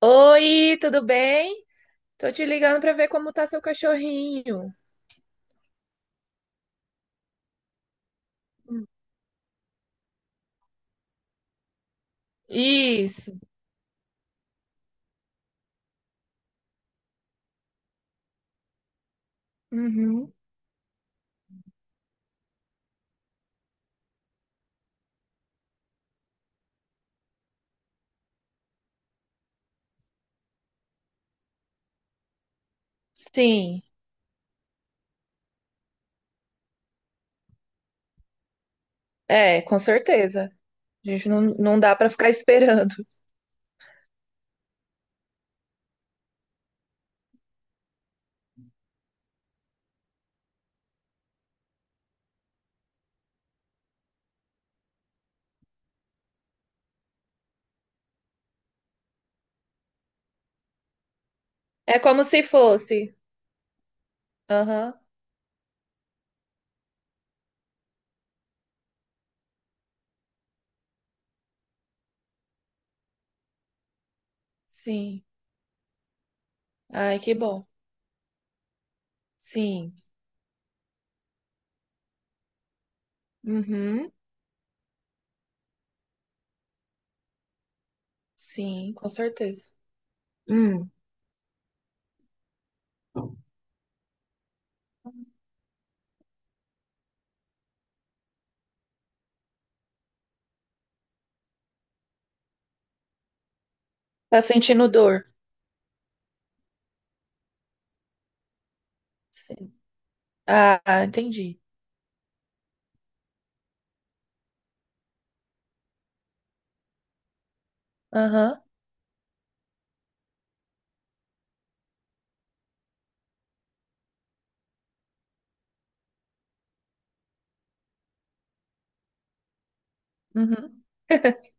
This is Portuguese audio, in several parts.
Oi, tudo bem? Tô te ligando pra ver como tá seu cachorrinho. Hum. Isso. Uhum. Sim, é, com certeza. A gente não dá pra ficar esperando. É como se fosse. Aham. Sim. Ai, que bom. Sim. Uhum. Sim, com certeza. Hum. Tá sentindo dor? Sim. Ah, entendi. Aham. Uhum.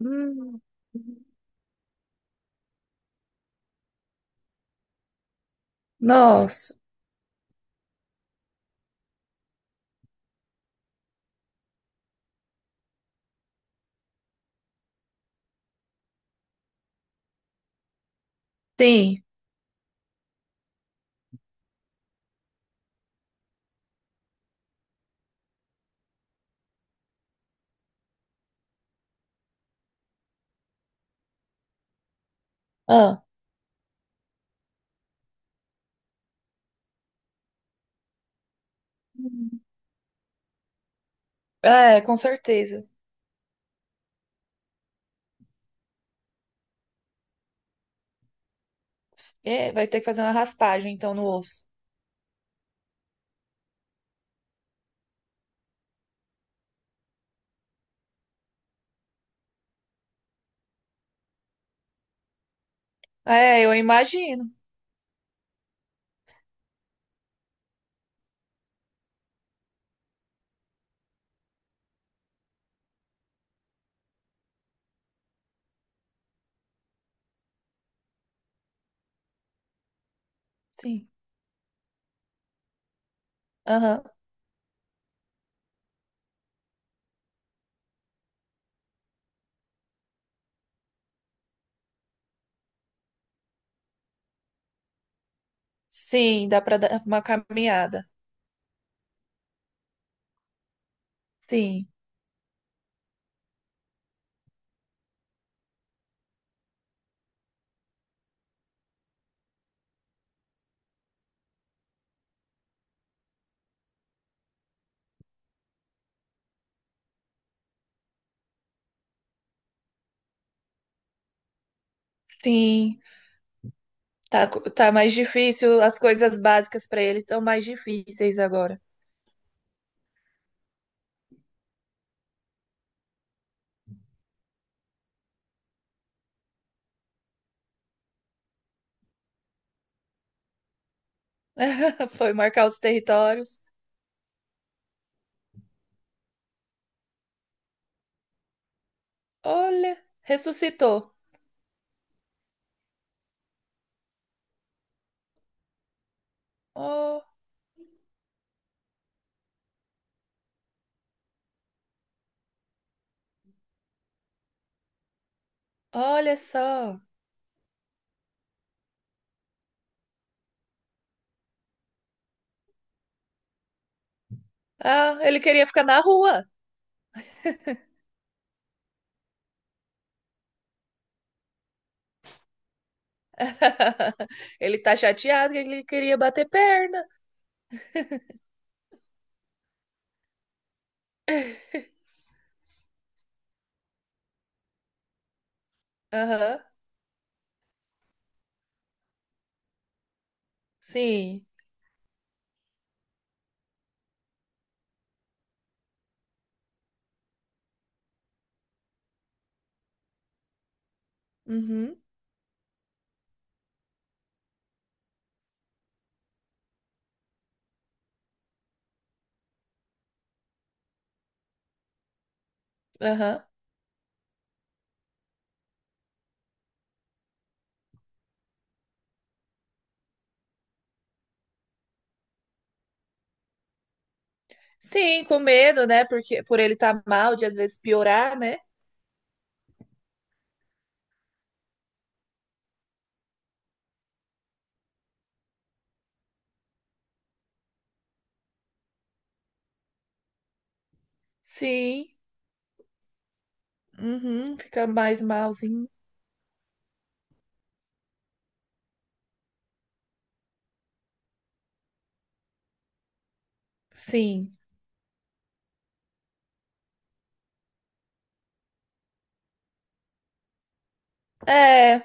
Hum. Nossa. Sim. Ah. É, com certeza. É, vai ter que fazer uma raspagem, então, no osso. É, eu imagino. Sim. Aham. Sim, dá pra dar uma caminhada. Sim. Sim. Tá mais difícil. As coisas básicas pra ele estão mais difíceis agora. Foi marcar os territórios. Olha, ressuscitou. Oh, olha só. Ah, ele queria ficar na rua. Ele tá chateado que ele queria bater perna. Aham. Sim. Uhum. Aham. Sim, com medo, né? Porque por ele estar mal, de às vezes piorar, né? Sim. Uhum, fica mais malzinho. Sim. É,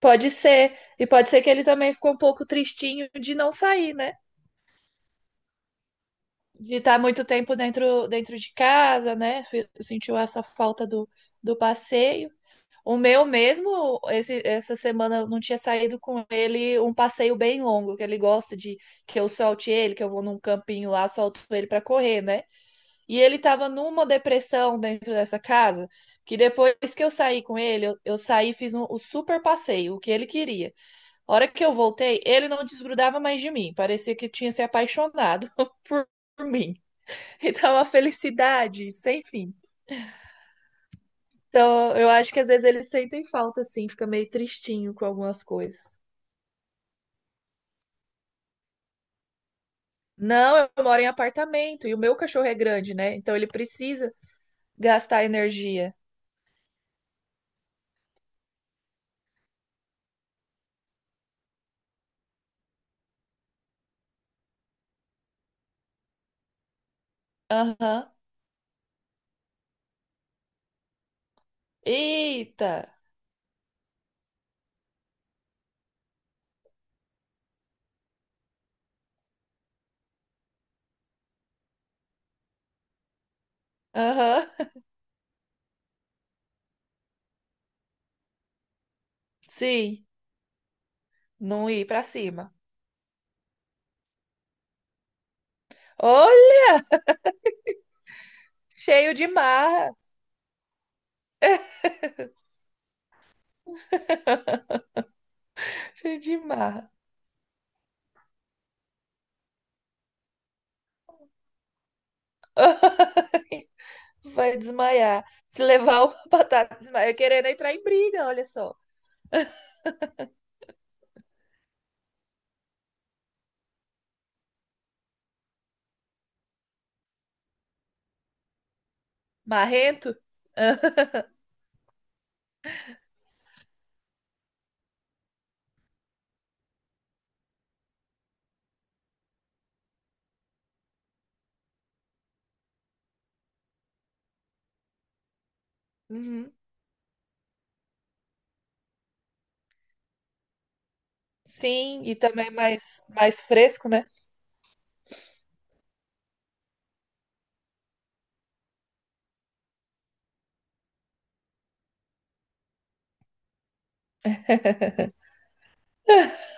pode ser. E pode ser que ele também ficou um pouco tristinho de não sair, né? De estar muito tempo dentro de casa, né? Sentiu essa falta do, do passeio. O meu mesmo, esse, essa semana eu não tinha saído com ele um passeio bem longo, que ele gosta de que eu solte ele, que eu vou num campinho lá, solto ele para correr, né? E ele estava numa depressão dentro dessa casa, que depois que eu saí com ele, eu saí e fiz um, o super passeio, o que ele queria. A hora que eu voltei, ele não desgrudava mais de mim, parecia que tinha se apaixonado por, por mim. Então, uma felicidade sem fim. Então, eu acho que às vezes eles sentem falta, assim, fica meio tristinho com algumas coisas. Não, eu moro em apartamento e o meu cachorro é grande, né? Então ele precisa gastar energia. Aham. Eita! Aham. Sim. Não ir pra cima. Olha, cheio de marra, cheio de marra. Vai desmaiar. Se levar uma batata, desmaia. Querendo entrar em briga, olha só. Marrento? Uhum. Sim, e também é mais fresco, né?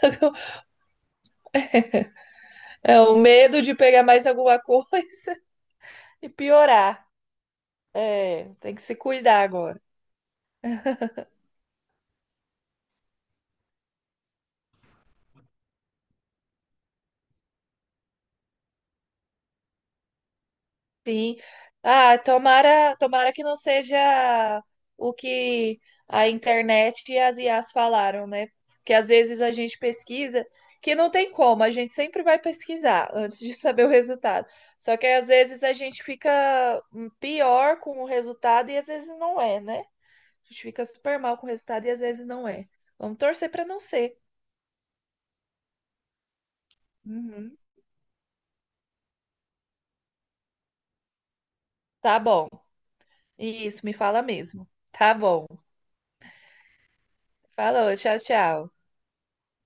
É o medo de pegar mais alguma coisa e piorar. É, tem que se cuidar agora. Sim. Ah, tomara, tomara que não seja o que a internet e as IAs falaram, né? Porque às vezes a gente pesquisa que não tem como, a gente sempre vai pesquisar antes de saber o resultado. Só que às vezes a gente fica pior com o resultado e às vezes não é, né? A gente fica super mal com o resultado e às vezes não é. Vamos torcer para não ser. Uhum. Tá bom. Isso, me fala mesmo. Tá bom. Falou, tchau, tchau.